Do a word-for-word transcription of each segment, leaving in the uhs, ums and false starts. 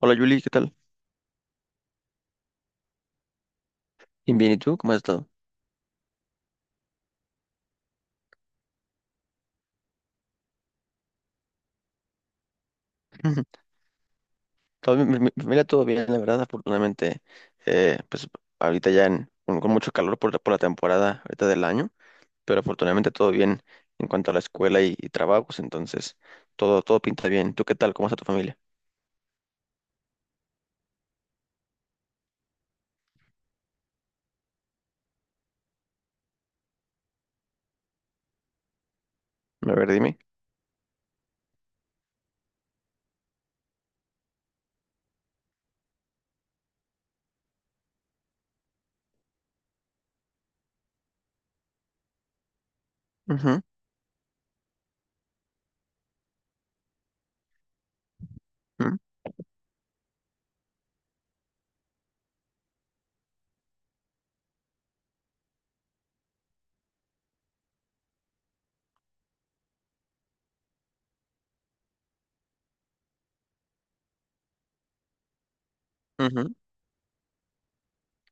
Hola Julie, ¿qué tal? Bien, bien, ¿y tú? ¿Cómo has estado? Todo bien, mi, mi familia todo bien, la verdad, afortunadamente, eh, pues ahorita ya en- con, con mucho calor por, la- por la temporada ahorita del año, pero afortunadamente todo bien en cuanto a la escuela y, y trabajos, entonces todo, todo pinta bien. ¿Tú qué tal? ¿Cómo está tu familia? A ver, dime. Ujú, ujú, ujú.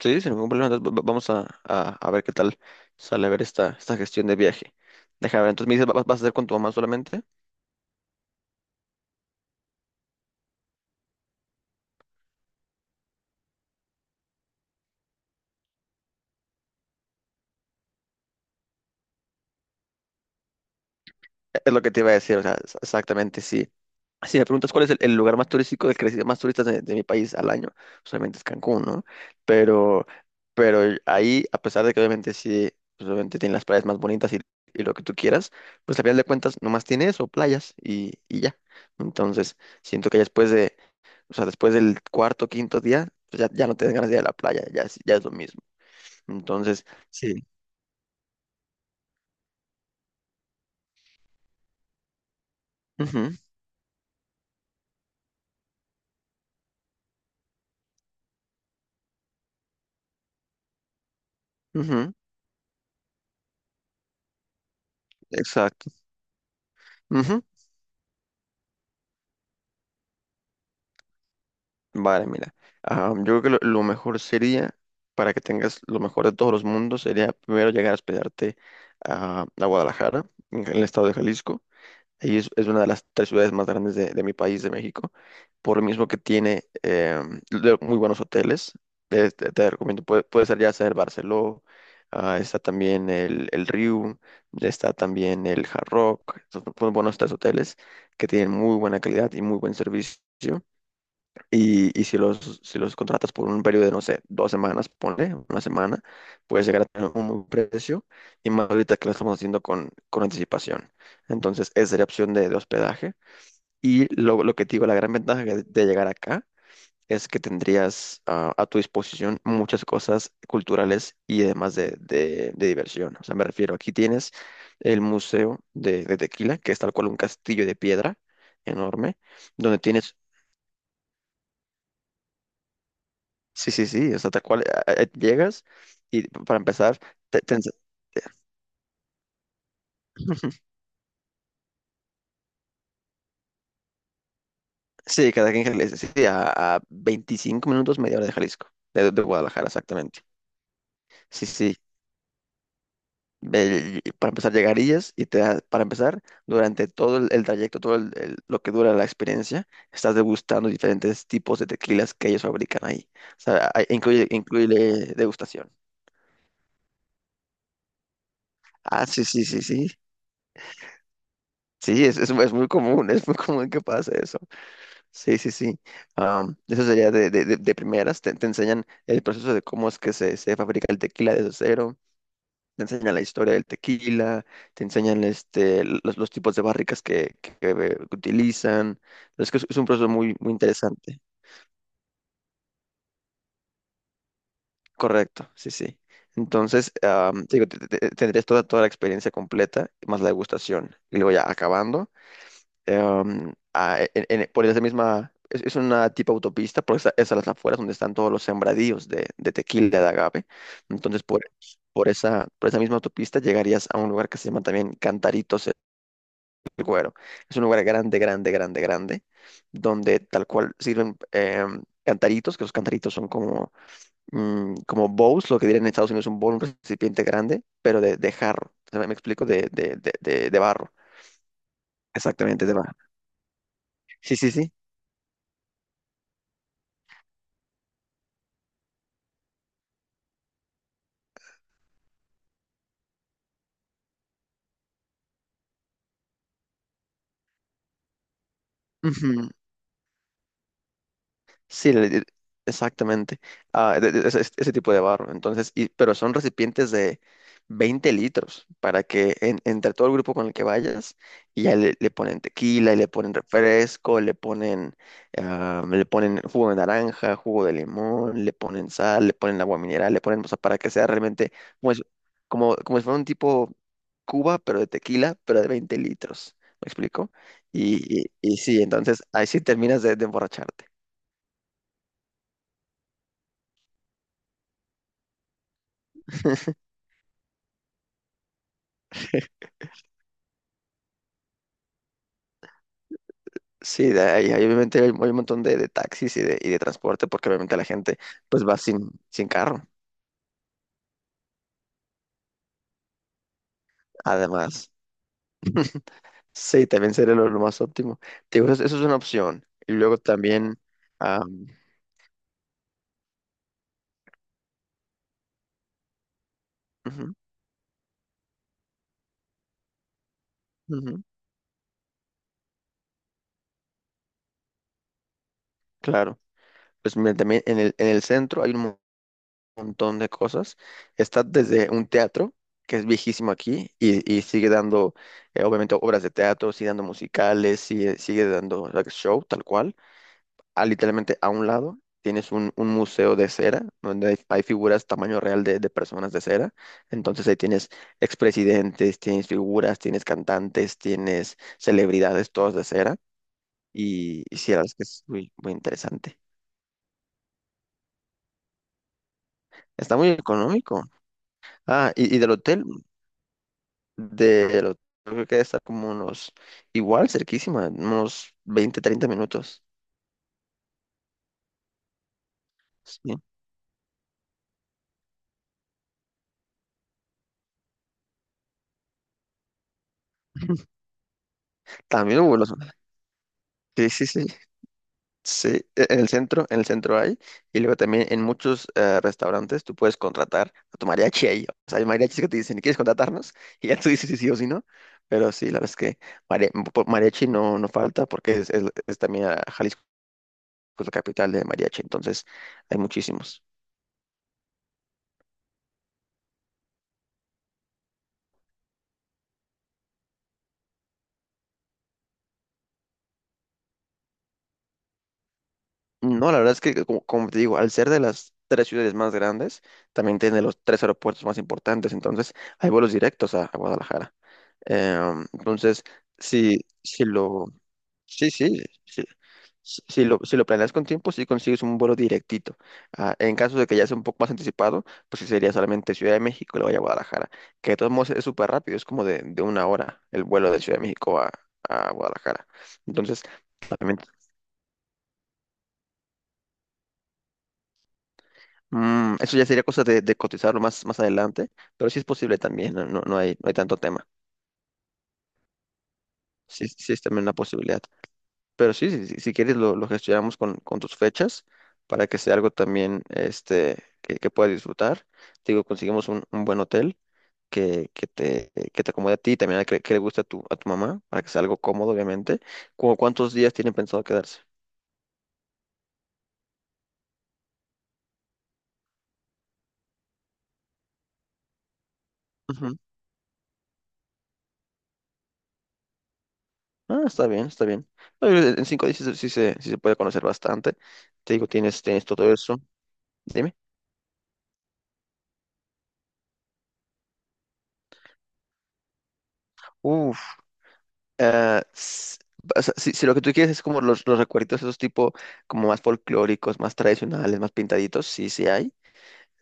Sí, sin ningún problema, entonces va- va- vamos a, a, a ver qué tal sale a ver esta, esta gestión de viaje. Déjame ver, entonces me dices, ¿va- ¿vas a hacer con tu mamá solamente? Es lo que te iba a decir, o sea, es- exactamente, sí. Si me preguntas cuál es el, el lugar más turístico del que recibe más turistas de, de mi país al año, pues obviamente es Cancún, ¿no? Pero, pero ahí, a pesar de que obviamente sí, pues obviamente tiene las playas más bonitas y, y lo que tú quieras, pues al final de cuentas nomás tiene eso, playas y, y ya. Entonces, siento que ya después de, o sea, después del cuarto, quinto día, pues ya, ya no te dan ganas de ir a la playa, ya es, ya es lo mismo. Entonces, sí. Ujú, ujú, exacto. Ujú, vale, mira, ah, yo creo que lo, lo mejor sería, para que tengas lo mejor de todos los mundos, sería primero llegar a hospedarte a, a Guadalajara, en el estado de Jalisco. Ahí es, es una de las tres ciudades más grandes de, de mi país, de México, por lo mismo que tiene eh, de- muy buenos hoteles. eh, Te, te recomiendo, puede, puede ser ya sea el Barceló, ah, está también el, el Riu, está también el Hard Rock, son son buenos tres hoteles que tienen muy buena calidad y muy buen servicio. Y, y si los, si los contratas por un periodo de, no sé, dos semanas, ponle, una semana, puedes llegar a tener un buen precio y más ahorita que lo estamos haciendo con, con anticipación. Entonces, esa sería opción de, de hospedaje. Y lo, lo que te digo, la gran ventaja de, de llegar acá es que tendrías ah, a tu disposición muchas cosas culturales y además de, de- de diversión. O sea, me refiero, aquí tienes el Museo de, de Tequila, que es tal cual un castillo de piedra enorme donde tienes. Sí, sí, sí, o sea, tal cual eh, eh, llegas y p- para empezar, te, te ens- Sí, cada quien que le dice, sí, sí, a, a veinticinco minutos, media hora de Jalisco, de, de Guadalajara, exactamente. Sí, sí, el- para empezar llegarías y te da- para empezar, durante todo el, el trayecto, todo el- el- lo que dura la experiencia, estás degustando diferentes tipos de tequilas que ellos fabrican ahí. O sea, hay- incluye, incluye degustación. Ah, sí, sí, sí, sí. Sí, es, es, es muy común, es muy común que pase eso. Sí, sí, sí. Am, eso sería de, de- de- de primeras. Te, te enseñan el proceso de cómo es que se, se fabrica el tequila desde cero. Te enseñan la historia del tequila. Te enseñan este, los, los tipos de barricas que, que- que eh, utilizan. Es que es, es un proceso muy, muy interesante. Correcto, sí, sí. Entonces, am, te digo, te- te- te- tendrías toda, toda la experiencia completa, más la degustación. Y luego ya acabando. em, a- en- en- por esa misma, es, es una tipo autopista, por esa, es a las afueras donde están todos los sembradíos de, de tequila, de agave. Entonces, por, por esa, por esa misma autopista llegarías a un lugar que se llama también Cantaritos el Güero. Es un lugar grande, grande, grande, grande, donde tal cual sirven em, cantaritos, que los cantaritos son como, mm, como bowls, lo que dirían en Estados Unidos un bowl, un recipiente grande, pero de, de jarro. ¿Me me explico? De, de, de, de, de barro. Exactamente, de barro. Sí, sí, sí. Ujú. Sí, le- le- exactamente. Ah, de- de- ese, ese tipo de barro. Entonces, y, pero son recipientes de veinte litros para que en- entre todo el grupo con el que vayas, y ya le, le ponen tequila, y le ponen refresco, le ponen, ah, le ponen jugo de naranja, jugo de limón, le ponen sal, le ponen agua mineral, le ponen, o sea, para que sea realmente como, es- como, como si fuera un tipo Cuba, pero de tequila, pero de veinte litros. ¿Me explico? Y, y, y sí, entonces ahí sí terminas de de emborracharte. Sí, de ahí, ahí obviamente hay, hay un montón de, de taxis y de, y de transporte, porque obviamente la gente pues va sin, sin carro, además. Sí, también sería lo, lo más óptimo. Te digo, eso, eso es una opción. Y luego también, am, ujú, ujú, claro, pues mira, también en el, en el centro hay un mo- montón de cosas. Está desde un teatro, que es viejísimo aquí, y, y sigue dando, eh, obviamente, obras de teatro, sigue dando musicales, sigue, sigue dando like, show, tal cual. A- literalmente a un lado tienes un, un museo de cera, donde hay, hay figuras tamaño real de, de personas de cera. Entonces ahí tienes expresidentes, tienes figuras, tienes cantantes, tienes celebridades, todos de cera. Y, y sí, la verdad es que es muy, muy interesante. Está muy económico. Ah, y, y del hotel, del hotel creo que está como unos, igual, cerquísima, unos veinte treinta minutos. Sí. También hubo los... Sí, sí, sí. Sí, e- en el centro, en el centro hay, y luego también en muchos eh, restaurantes tú puedes contratar a tu mariachi ahí. O sea, hay mariachis que te dicen, ¿quieres contratarnos? Y ya tú dices si sí o si no. Pero sí, la verdad es que mari- po- mariachi no, no falta porque es, es- es también ah, Jalisco es la capital de mariachi, entonces hay muchísimos. No, la verdad es que, como, como te digo, al ser de las tres ciudades más grandes, también tiene los tres aeropuertos más importantes, entonces hay vuelos directos a, a Guadalajara. Em, entonces, si, si lo... Sí, sí, sí. Si si lo, si lo planeas con tiempo, sí consigues un vuelo directito. Ah, en caso de que ya sea un poco más anticipado, pues sí sería solamente Ciudad de México y luego ya Guadalajara, que de todos modos es súper rápido, es como de, de una hora el vuelo de Ciudad de México a, a Guadalajara. Entonces, también, mm, eso ya sería cosa de, de cotizarlo más, más adelante, pero sí es posible también, no, no, no hay, no hay tanto tema. Sí, sí es también una posibilidad. Pero sí, si, si- si quieres lo, lo gestionamos con, con tus fechas para que sea algo también este, que, que puedas disfrutar. Te digo, conseguimos un, un buen hotel que, que te, que te acomode a ti y también a que, que le guste a tu, a tu mamá para que sea algo cómodo, obviamente. ¿Cómo cuántos días tienen pensado quedarse? Ujú. Ah, está bien, está bien. No, yo creo que en cinco días sí, se, sí se sí se puede conocer bastante. Te digo, tienes, tienes todo eso. Dime. Ah, s- o sea, si, si lo que tú quieres es como los, los recuerditos, esos tipo como más folclóricos, más tradicionales, más pintaditos, sí, sí hay.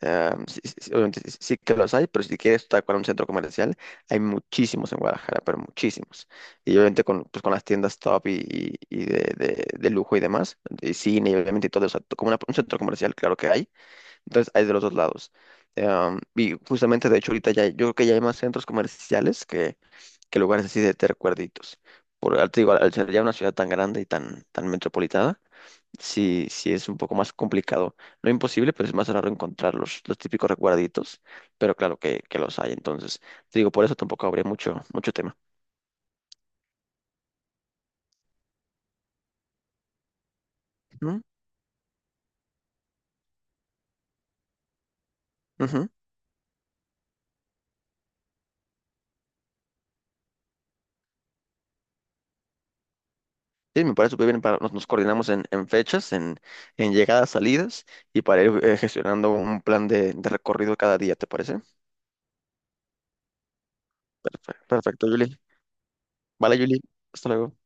Ah, sí, sí- sí, obviamente sí, sí que los hay, pero si quieres tal cual un centro comercial, hay muchísimos en Guadalajara, pero muchísimos. Y obviamente con, pues, con las tiendas top y, y- y de, de- de lujo y demás, y cine y obviamente todo, o sea, como una- un centro comercial, claro que hay. Entonces hay de los dos lados. Ah, y justamente, de hecho, ahorita ya, hay- yo creo que ya hay más centros comerciales que que lugares así de, de recuerditos. Por, al- te digo, al ser ya una ciudad tan grande y tan, tan metropolitana, sí, sí es un poco más complicado. No imposible, pero es más raro encontrar los, los típicos recuerditos, pero claro que, que los hay. Entonces, te digo, por eso tampoco habría mucho, mucho tema. Ujú, ujú. Sí, me parece súper bien. Para, nos, nos coordinamos en, en fechas, en, en llegadas, salidas y para ir eh, gestionando un plan de, de recorrido cada día, ¿te parece? Perfecto, perfecto, Julie. Vale, Julie. Hasta luego.